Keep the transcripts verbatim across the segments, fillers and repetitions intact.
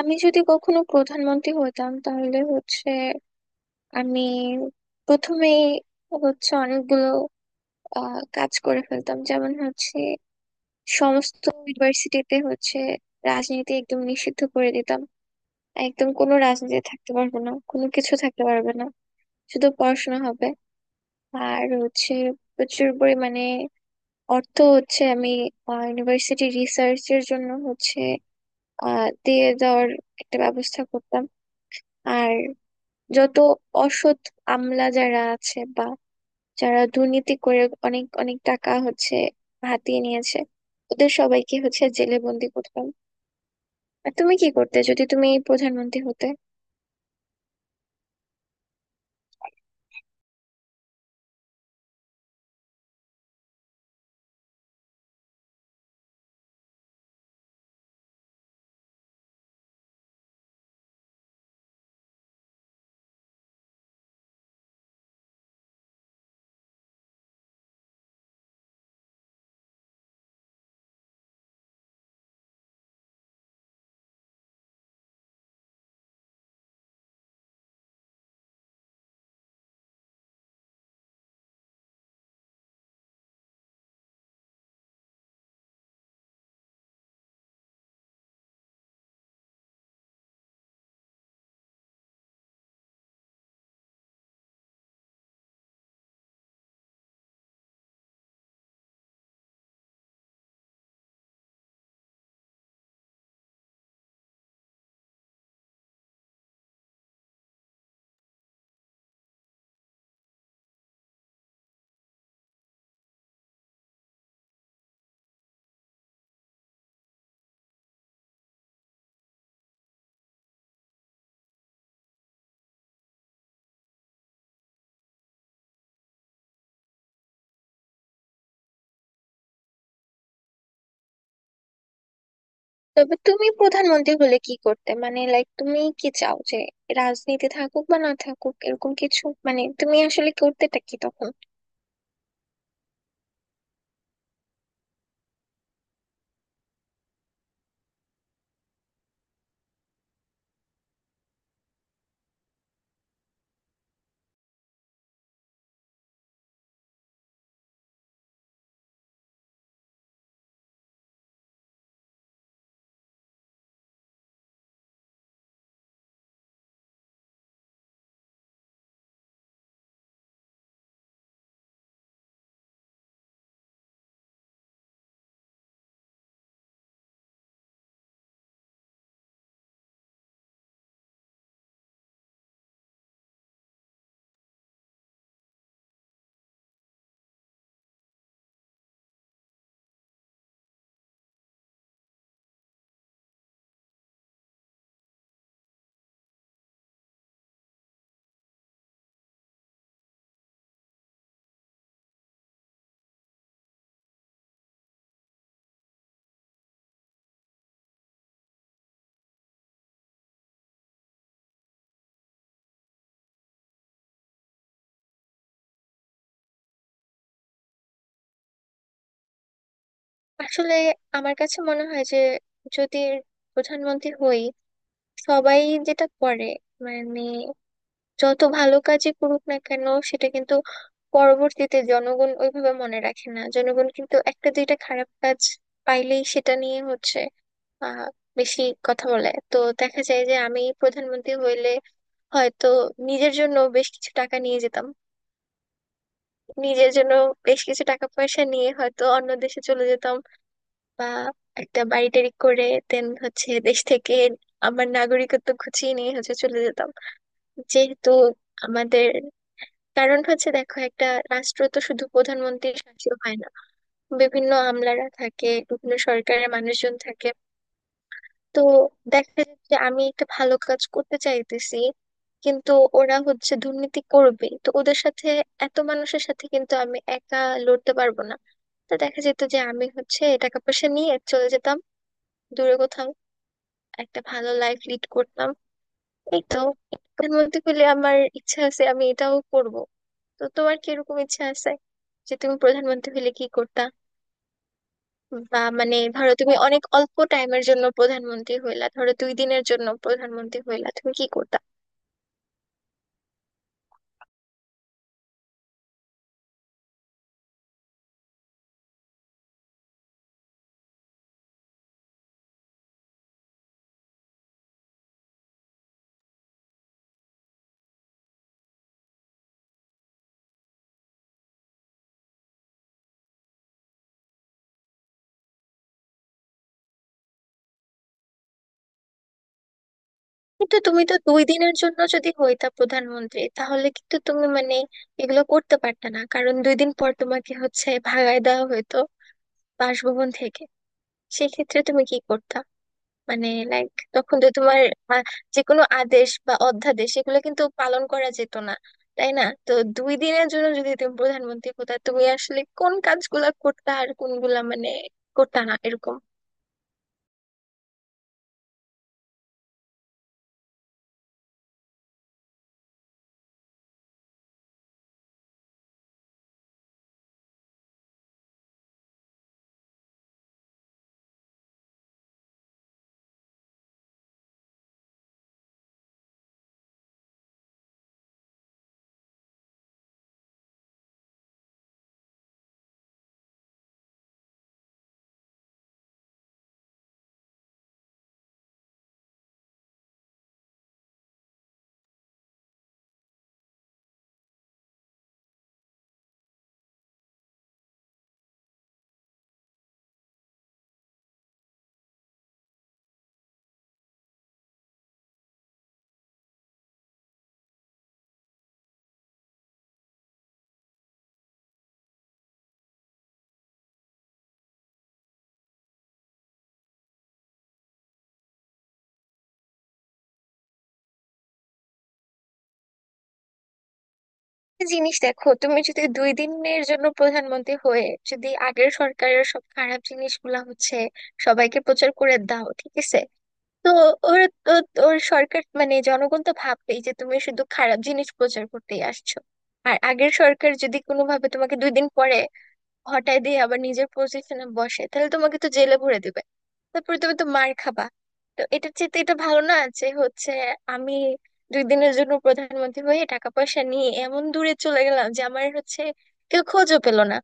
আমি যদি কখনো প্রধানমন্ত্রী হতাম তাহলে হচ্ছে আমি প্রথমেই হচ্ছে অনেকগুলো আহ, কাজ করে ফেলতাম, যেমন হচ্ছে সমস্ত ইউনিভার্সিটিতে হচ্ছে রাজনীতি একদম নিষিদ্ধ করে দিতাম। একদম কোনো রাজনীতি থাকতে পারবে না, কোনো কিছু থাকতে পারবে না, শুধু পড়াশোনা হবে। আর হচ্ছে প্রচুর পরিমাণে অর্থ হচ্ছে আমি ইউনিভার্সিটি রিসার্চের জন্য হচ্ছে আহ দিয়ে দেওয়ার একটা ব্যবস্থা করতাম। আর যত অসৎ আমলা যারা আছে বা যারা দুর্নীতি করে অনেক অনেক টাকা হচ্ছে হাতিয়ে নিয়েছে, ওদের সবাইকে হচ্ছে জেলে বন্দি করতাম। আর তুমি কি করতে যদি তুমি প্রধানমন্ত্রী হতে? তবে তুমি প্রধানমন্ত্রী হলে কি করতে, মানে লাইক তুমি কি চাও যে রাজনীতি থাকুক বা না থাকুক এরকম কিছু, মানে তুমি আসলে করতেটা কি তখন? আসলে আমার কাছে মনে হয় যে যদি প্রধানমন্ত্রী হই, সবাই যেটা করে মানে যত ভালো কাজই করুক না কেন সেটা কিন্তু পরবর্তীতে জনগণ ওইভাবে মনে রাখে না। জনগণ কিন্তু একটা দুইটা খারাপ কাজ পাইলেই সেটা নিয়ে হচ্ছে আহ বেশি কথা বলে। তো দেখা যায় যে আমি প্রধানমন্ত্রী হইলে হয়তো নিজের জন্য বেশ কিছু টাকা নিয়ে যেতাম, নিজের জন্য বেশ কিছু টাকা পয়সা নিয়ে হয়তো অন্য দেশে চলে যেতাম। বা একটা বাড়ি টাড়ি করে দেন হচ্ছে দেশ থেকে আমার নাগরিকত্ব খুঁচিয়ে নিয়ে হচ্ছে চলে যেতাম। যেহেতু আমাদের কারণ হচ্ছে, দেখো, একটা রাষ্ট্র তো শুধু প্রধানমন্ত্রীর শাসিত হয় না, বিভিন্ন আমলারা থাকে, বিভিন্ন সরকারের মানুষজন থাকে। তো দেখা যায় যে আমি একটা ভালো কাজ করতে চাইতেছি, কিন্তু ওরা হচ্ছে দুর্নীতি করবে। তো ওদের সাথে, এত মানুষের সাথে কিন্তু আমি একা লড়তে পারবো না। তো দেখা যেত যে আমি হচ্ছে টাকা পয়সা নিয়ে চলে যেতাম দূরে কোথাও, একটা ভালো লাইফ লিড করতাম। এই তো, প্রধানমন্ত্রী হলে আমার ইচ্ছা আছে আমি এটাও করব। তো তোমার কি এরকম ইচ্ছা আছে যে তুমি প্রধানমন্ত্রী হলে কি করতা? বা মানে ধরো তুমি অনেক অল্প টাইমের জন্য প্রধানমন্ত্রী হইলা, ধরো দুই দিনের জন্য প্রধানমন্ত্রী হইলা, তুমি কি করতা? কিন্তু তুমি তো দুই দিনের জন্য যদি হইতা প্রধানমন্ত্রী, তাহলে কিন্তু তুমি মানে এগুলো করতে পারতা না, কারণ দুই দিন পর তোমাকে হচ্ছে ভাগায় দেওয়া হইতো বাসভবন থেকে। সেক্ষেত্রে তুমি কি করতা? মানে লাইক তখন তো তোমার আহ, যে কোনো আদেশ বা অধ্যাদেশ এগুলো কিন্তু পালন করা যেত না, তাই না? তো দুই দিনের জন্য যদি তুমি প্রধানমন্ত্রী হতা, তুমি আসলে কোন কাজগুলা করতা আর কোনগুলা মানে করতা না, এরকম? একটা জিনিস দেখো, তুমি যদি দুই দিনের জন্য প্রধানমন্ত্রী হয়ে যদি আগের সরকারের সব খারাপ জিনিসগুলা হচ্ছে সবাইকে প্রচার করে দাও, ঠিক আছে? তো ওরা তো, ওর সরকার মানে জনগণ তো ভাববেই যে তুমি শুধু খারাপ জিনিস প্রচার করতেই আসছো। আর আগের সরকার যদি কোনোভাবে তোমাকে দুই দিন পরে হটায় দিয়ে আবার নিজের পজিশনে বসে, তাহলে তোমাকে তো জেলে ভরে দিবে, তারপরে তুমি তো মার খাবা। তো এটার চেয়ে তো এটা ভালো না যে হচ্ছে আমি দুই দিনের জন্য প্রধানমন্ত্রী হয়ে টাকা পয়সা নিয়ে এমন দূরে চলে গেলাম যে আমার হচ্ছে কেউ খোঁজও পেলো না।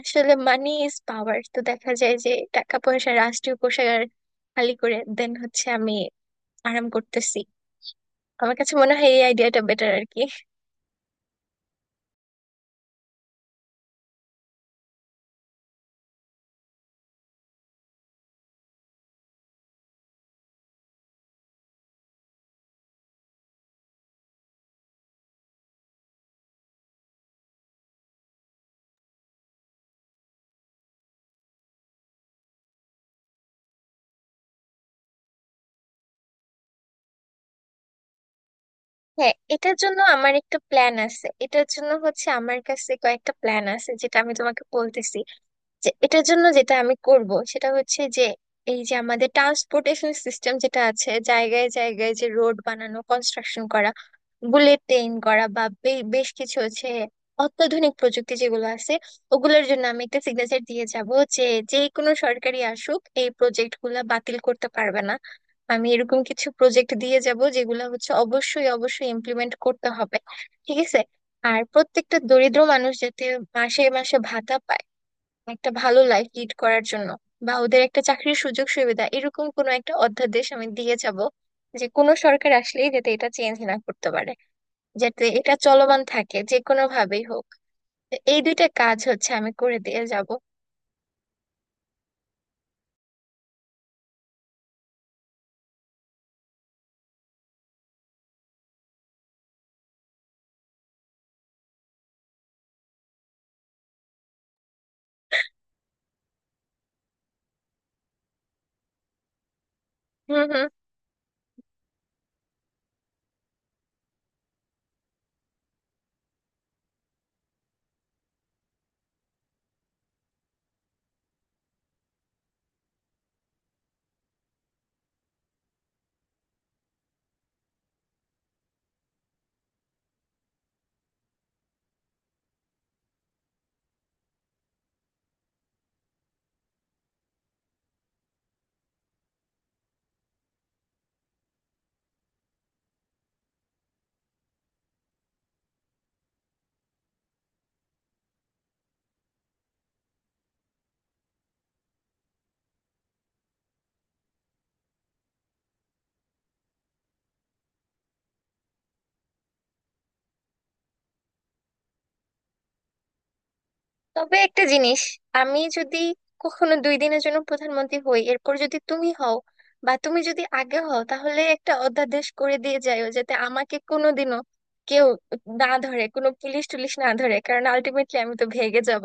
আসলে মানি ইজ পাওয়ার। তো দেখা যায় যে টাকা পয়সা, রাষ্ট্রীয় কোষাগার খালি করে দেন হচ্ছে আমি আরাম করতেছি। আমার কাছে মনে হয় এই আইডিয়াটা বেটার আর কি। হ্যাঁ, এটার জন্য আমার একটা প্ল্যান আছে, এটার জন্য হচ্ছে আমার কাছে কয়েকটা প্ল্যান আছে যেটা আমি তোমাকে বলতেছি। যে এটার জন্য যেটা আমি করব সেটা হচ্ছে যে এই যে আমাদের ট্রান্সপোর্টেশন সিস্টেম যেটা আছে, জায়গায় জায়গায় যে রোড বানানো, কনস্ট্রাকশন করা, বুলেট ট্রেন করা, বা বে- বেশ কিছু হচ্ছে অত্যাধুনিক প্রযুক্তি যেগুলো আছে, ওগুলোর জন্য আমি একটা সিগনেচার দিয়ে যাব যে যে কোনো সরকারি আসুক এই প্রজেক্ট গুলা বাতিল করতে পারবে না। আমি এরকম কিছু প্রজেক্ট দিয়ে যাব যেগুলো হচ্ছে অবশ্যই অবশ্যই ইমপ্লিমেন্ট করতে হবে, ঠিক আছে? আর প্রত্যেকটা দরিদ্র মানুষ যাতে মাসে মাসে ভাতা পায় একটা ভালো লাইফ লিড করার জন্য, বা ওদের একটা চাকরির সুযোগ সুবিধা, এরকম কোনো একটা অধ্যাদেশ আমি দিয়ে যাব যে কোনো সরকার আসলেই যাতে এটা চেঞ্জ না করতে পারে, যাতে এটা চলমান থাকে যে কোনো ভাবেই হোক। তো এই দুইটা কাজ হচ্ছে আমি করে দিয়ে যাব। হম। তবে একটা জিনিস, আমি যদি কখনো দুই দিনের জন্য প্রধানমন্ত্রী হই এরপর যদি তুমি হও, বা তুমি যদি আগে হও, তাহলে একটা অধ্যাদেশ করে দিয়ে যাইও যাতে আমাকে কোনোদিনও কেউ না ধরে, কোনো পুলিশ টুলিশ না ধরে, কারণ আলটিমেটলি আমি তো ভেগে যাব।